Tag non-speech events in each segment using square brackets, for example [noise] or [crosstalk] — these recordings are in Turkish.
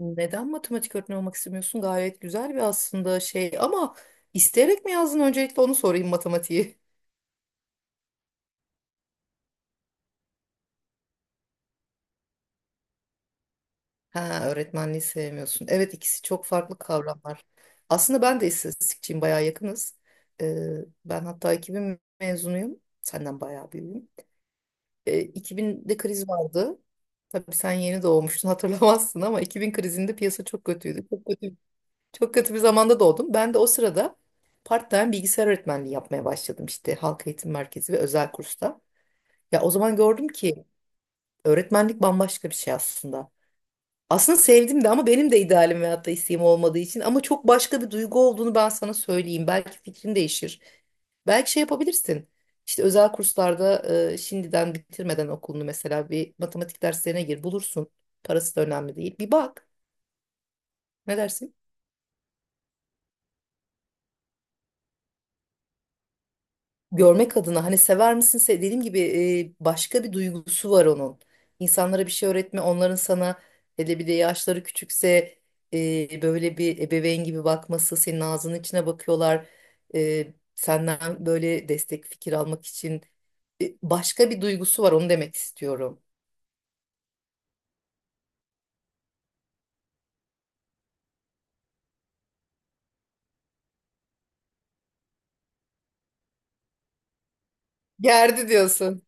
Neden matematik öğretmeni olmak istemiyorsun? Gayet güzel bir aslında şey ama isteyerek mi yazdın? Öncelikle onu sorayım matematiği. Ha, öğretmenliği sevmiyorsun. Evet ikisi çok farklı kavramlar. Aslında ben de istatistikçiyim, bayağı yakınız. Ee, Ben hatta 2000 mezunuyum. Senden bayağı büyüğüm. 2000'de kriz vardı. Tabii sen yeni doğmuştun [laughs] hatırlamazsın ama 2000 krizinde piyasa çok kötüydü. Çok kötü bir zamanda doğdum. Ben de o sırada part-time bilgisayar öğretmenliği yapmaya başladım işte halk eğitim merkezi ve özel kursta. Ya o zaman gördüm ki öğretmenlik bambaşka bir şey aslında. Aslında sevdim de ama benim de idealim veyahut da isteğim olmadığı için ama çok başka bir duygu olduğunu ben sana söyleyeyim. Belki fikrin değişir. Belki şey yapabilirsin. İşte özel kurslarda şimdiden bitirmeden okulunu mesela bir matematik derslerine gir bulursun. Parası da önemli değil. Bir bak. Ne dersin? Görmek adına hani sever misin dediğim gibi başka bir duygusu var onun. İnsanlara bir şey öğretme onların sana hele bir de yaşları küçükse böyle bir ebeveyn gibi bakması senin ağzının içine bakıyorlar. E, senden böyle destek fikir almak için başka bir duygusu var onu demek istiyorum. Gerdi diyorsun.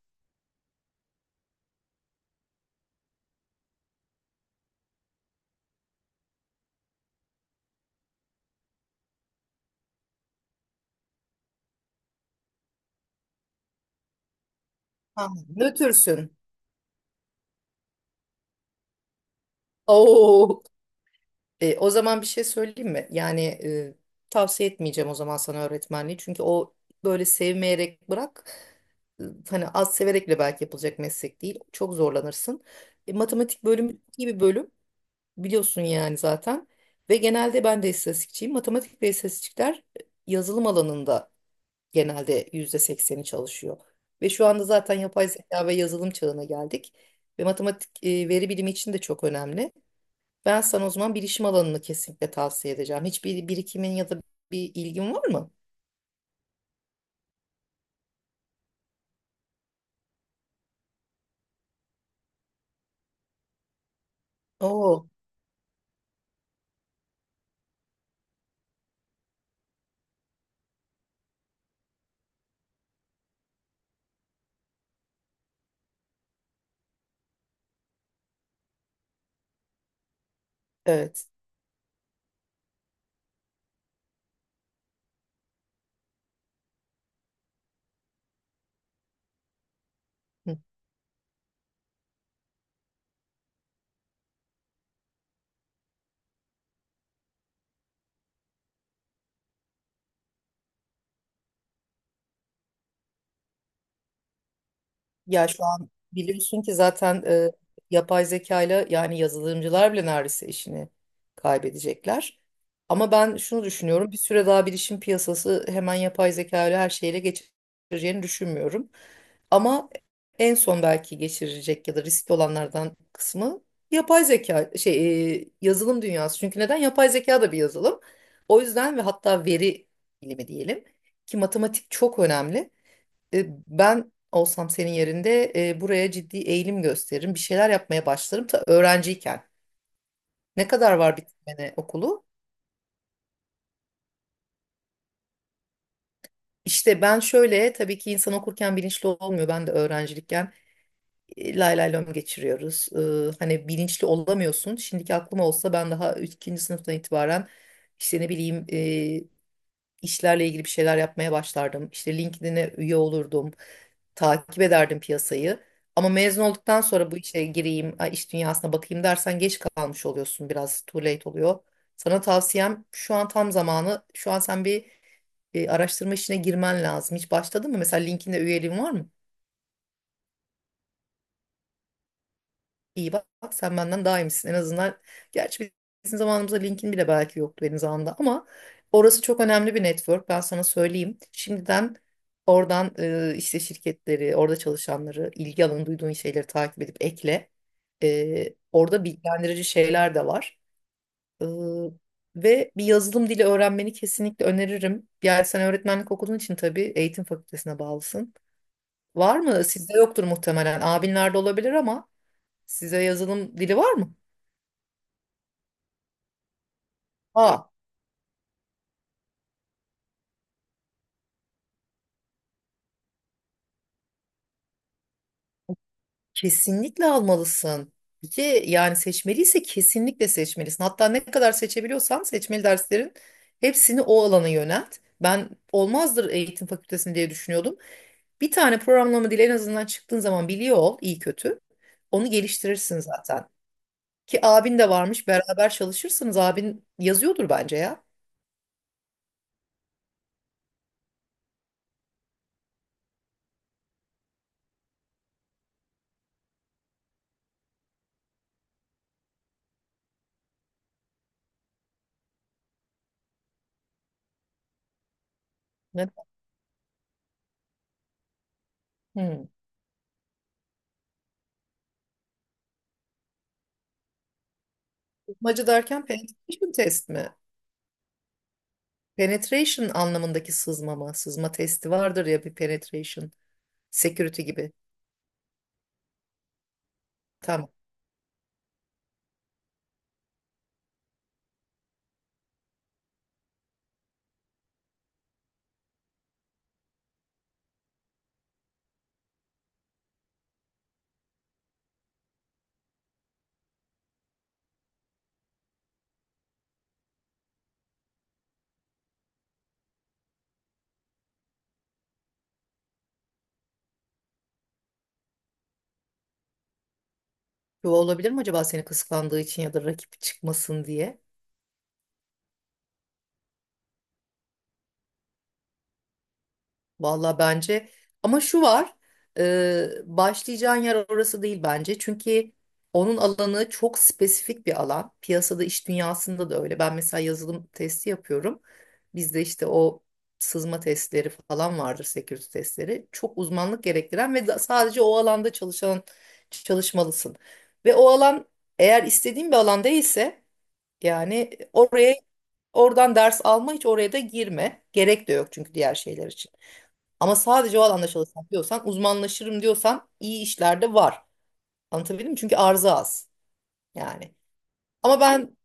Ha, nötrsün. Oo. E, o zaman bir şey söyleyeyim mi? Yani tavsiye etmeyeceğim o zaman sana öğretmenliği. Çünkü o böyle sevmeyerek bırak. e, Hani az severek bile belki yapılacak meslek değil. Çok zorlanırsın. E, matematik bölümü çok iyi bir bölüm. Biliyorsun yani zaten. Ve genelde ben de istatistikçiyim. Matematik ve istatistikler e, yazılım alanında genelde %80'i çalışıyor. Ve şu anda zaten yapay zeka ve yazılım çağına geldik. Ve matematik veri bilimi için de çok önemli. Ben sana o zaman bilişim alanını kesinlikle tavsiye edeceğim. Hiçbir birikimin ya da bir ilgin var mı? Oo, evet. Ya şu an biliyorsun ki zaten yapay zekayla yani yazılımcılar bile neredeyse işini kaybedecekler. Ama ben şunu düşünüyorum. Bir süre daha bilişim piyasası hemen yapay zekayla her şeyle geçireceğini düşünmüyorum. Ama en son belki geçirecek ya da riskli olanlardan kısmı yapay zeka şey yazılım dünyası. Çünkü neden? Yapay zeka da bir yazılım. O yüzden ve hatta veri bilimi diyelim ki matematik çok önemli. E, ben olsam senin yerinde buraya ciddi eğilim gösteririm. Bir şeyler yapmaya başlarım ta öğrenciyken. Ne kadar var bitirmene okulu? İşte ben şöyle tabii ki insan okurken bilinçli olmuyor. Ben de öğrencilikken lay lay lom geçiriyoruz. E, hani bilinçli olamıyorsun. Şimdiki aklım olsa ben daha ikinci sınıftan itibaren işte ne bileyim işlerle ilgili bir şeyler yapmaya başlardım. İşte LinkedIn'e üye olurdum. Takip ederdim piyasayı. Ama mezun olduktan sonra bu işe gireyim, ay, iş dünyasına bakayım dersen geç kalmış oluyorsun. Biraz too late oluyor. Sana tavsiyem şu an tam zamanı. Şu an sen bir araştırma işine girmen lazım. Hiç başladın mı? Mesela LinkedIn'de üyeliğin var mı? İyi bak, sen benden daha iyi misin en azından. Gerçi bizim zamanımızda LinkedIn bile belki yoktu benim zamanımda ama orası çok önemli bir network ben sana söyleyeyim. Şimdiden oradan işte şirketleri, orada çalışanları, ilgi alanı duyduğun şeyleri takip edip ekle. E, orada bilgilendirici şeyler de var. E, ve bir yazılım dili öğrenmeni kesinlikle öneririm. Yani sen öğretmenlik okuduğun için tabii eğitim fakültesine bağlısın. Var mı? Sizde yoktur muhtemelen. Abinlerde olabilir ama size yazılım dili var mı? Aa, kesinlikle almalısın. Bir de yani seçmeliyse kesinlikle seçmelisin. Hatta ne kadar seçebiliyorsan seçmeli derslerin hepsini o alana yönelt. Ben olmazdır eğitim fakültesini diye düşünüyordum. Bir tane programlama dili en azından çıktığın zaman biliyor ol iyi kötü. Onu geliştirirsin zaten. Ki abin de varmış, beraber çalışırsınız, abin yazıyordur bence ya. Ne? Hmm. Sızmacı derken penetration test mi? Penetration anlamındaki sızma mı? Sızma testi vardır ya, bir penetration. Security gibi. Tamam. Bu olabilir mi acaba seni kıskandığı için ya da rakip çıkmasın diye? Valla bence, ama şu var başlayacağın yer orası değil bence. Çünkü onun alanı çok spesifik bir alan, piyasada iş dünyasında da öyle. Ben mesela yazılım testi yapıyorum, bizde işte o sızma testleri falan vardır, security testleri çok uzmanlık gerektiren ve sadece o alanda çalışan çalışmalısın. Ve o alan eğer istediğin bir alan değilse, yani oraya, oradan ders alma, hiç oraya da girme, gerek de yok çünkü diğer şeyler için. Ama sadece o alanda çalışmak diyorsan, uzmanlaşırım diyorsan iyi işlerde var. Anlatabildim mi? Çünkü arzı az yani. Ama ben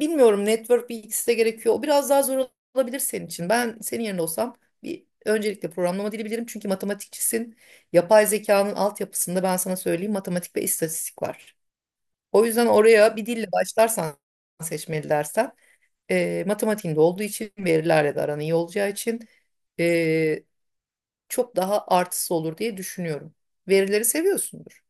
bilmiyorum, network bir ikisi de gerekiyor. O biraz daha zor olabilir senin için. Ben senin yerinde olsam bir öncelikle programlama dili bilirim. Çünkü matematikçisin. Yapay zekanın altyapısında ben sana söyleyeyim matematik ve istatistik var. O yüzden oraya bir dille başlarsan, seçmeli dersen, matematiğinde olduğu için, verilerle de aran iyi olacağı için, e, çok daha artısı olur diye düşünüyorum. Verileri seviyorsundur.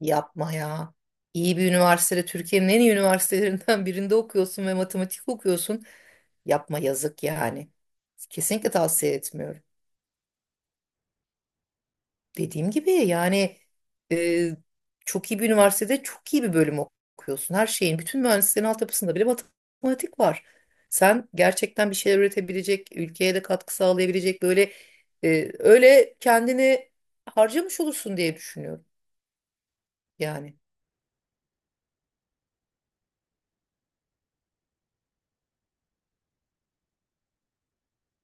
Yapma ya. İyi bir üniversitede, Türkiye'nin en iyi üniversitelerinden [laughs] birinde okuyorsun ve matematik okuyorsun. Yapma, yazık yani. Kesinlikle tavsiye etmiyorum. Dediğim gibi yani, e, çok iyi bir üniversitede çok iyi bir bölüm okuyorsun. Her şeyin, bütün mühendislerin altyapısında bile matematik var. Sen gerçekten bir şeyler üretebilecek, ülkeye de katkı sağlayabilecek böyle, öyle kendini harcamış olursun diye düşünüyorum. Yani.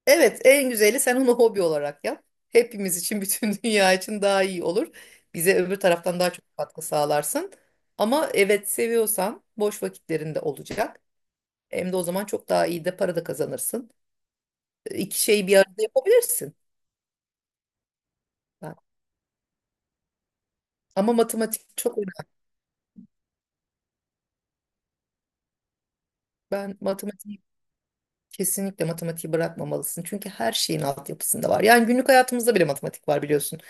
Evet, en güzeli sen onu hobi olarak yap. Hepimiz için, bütün [laughs] dünya için daha iyi olur. Bize öbür taraftan daha çok katkı sağlarsın. Ama evet, seviyorsan boş vakitlerinde olacak. Hem de o zaman çok daha iyi de para da kazanırsın. E, İki şeyi bir arada yapabilirsin. Ben- Ama matematik çok önemli. Ben matematik Kesinlikle matematiği bırakmamalısın. Çünkü her şeyin altyapısında var. Yani günlük hayatımızda bile matematik var biliyorsun.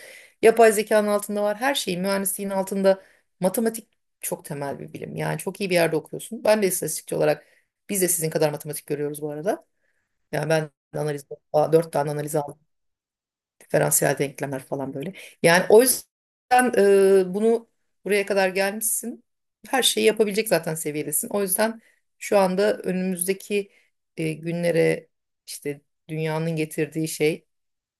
Yapay zekanın altında var. Her şeyin, mühendisliğin altında matematik çok temel bir bilim. Yani çok iyi bir yerde okuyorsun. Ben de istatistikçi olarak biz de sizin kadar matematik görüyoruz bu arada. Yani ben de analiz, dört tane analiz aldım. Diferansiyel denklemler falan böyle. Yani o yüzden bunu buraya kadar gelmişsin. Her şeyi yapabilecek zaten seviyedesin. O yüzden şu anda önümüzdeki günlere işte dünyanın getirdiği şey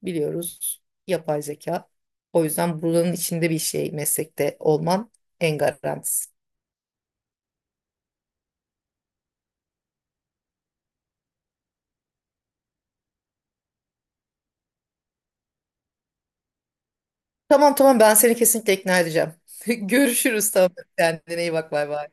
biliyoruz, yapay zeka. O yüzden buranın içinde bir şey meslekte olman en garantisi. Tamam, tamam, ben seni kesinlikle ikna edeceğim. [laughs] Görüşürüz, tamam. Kendine iyi bak, bay bay.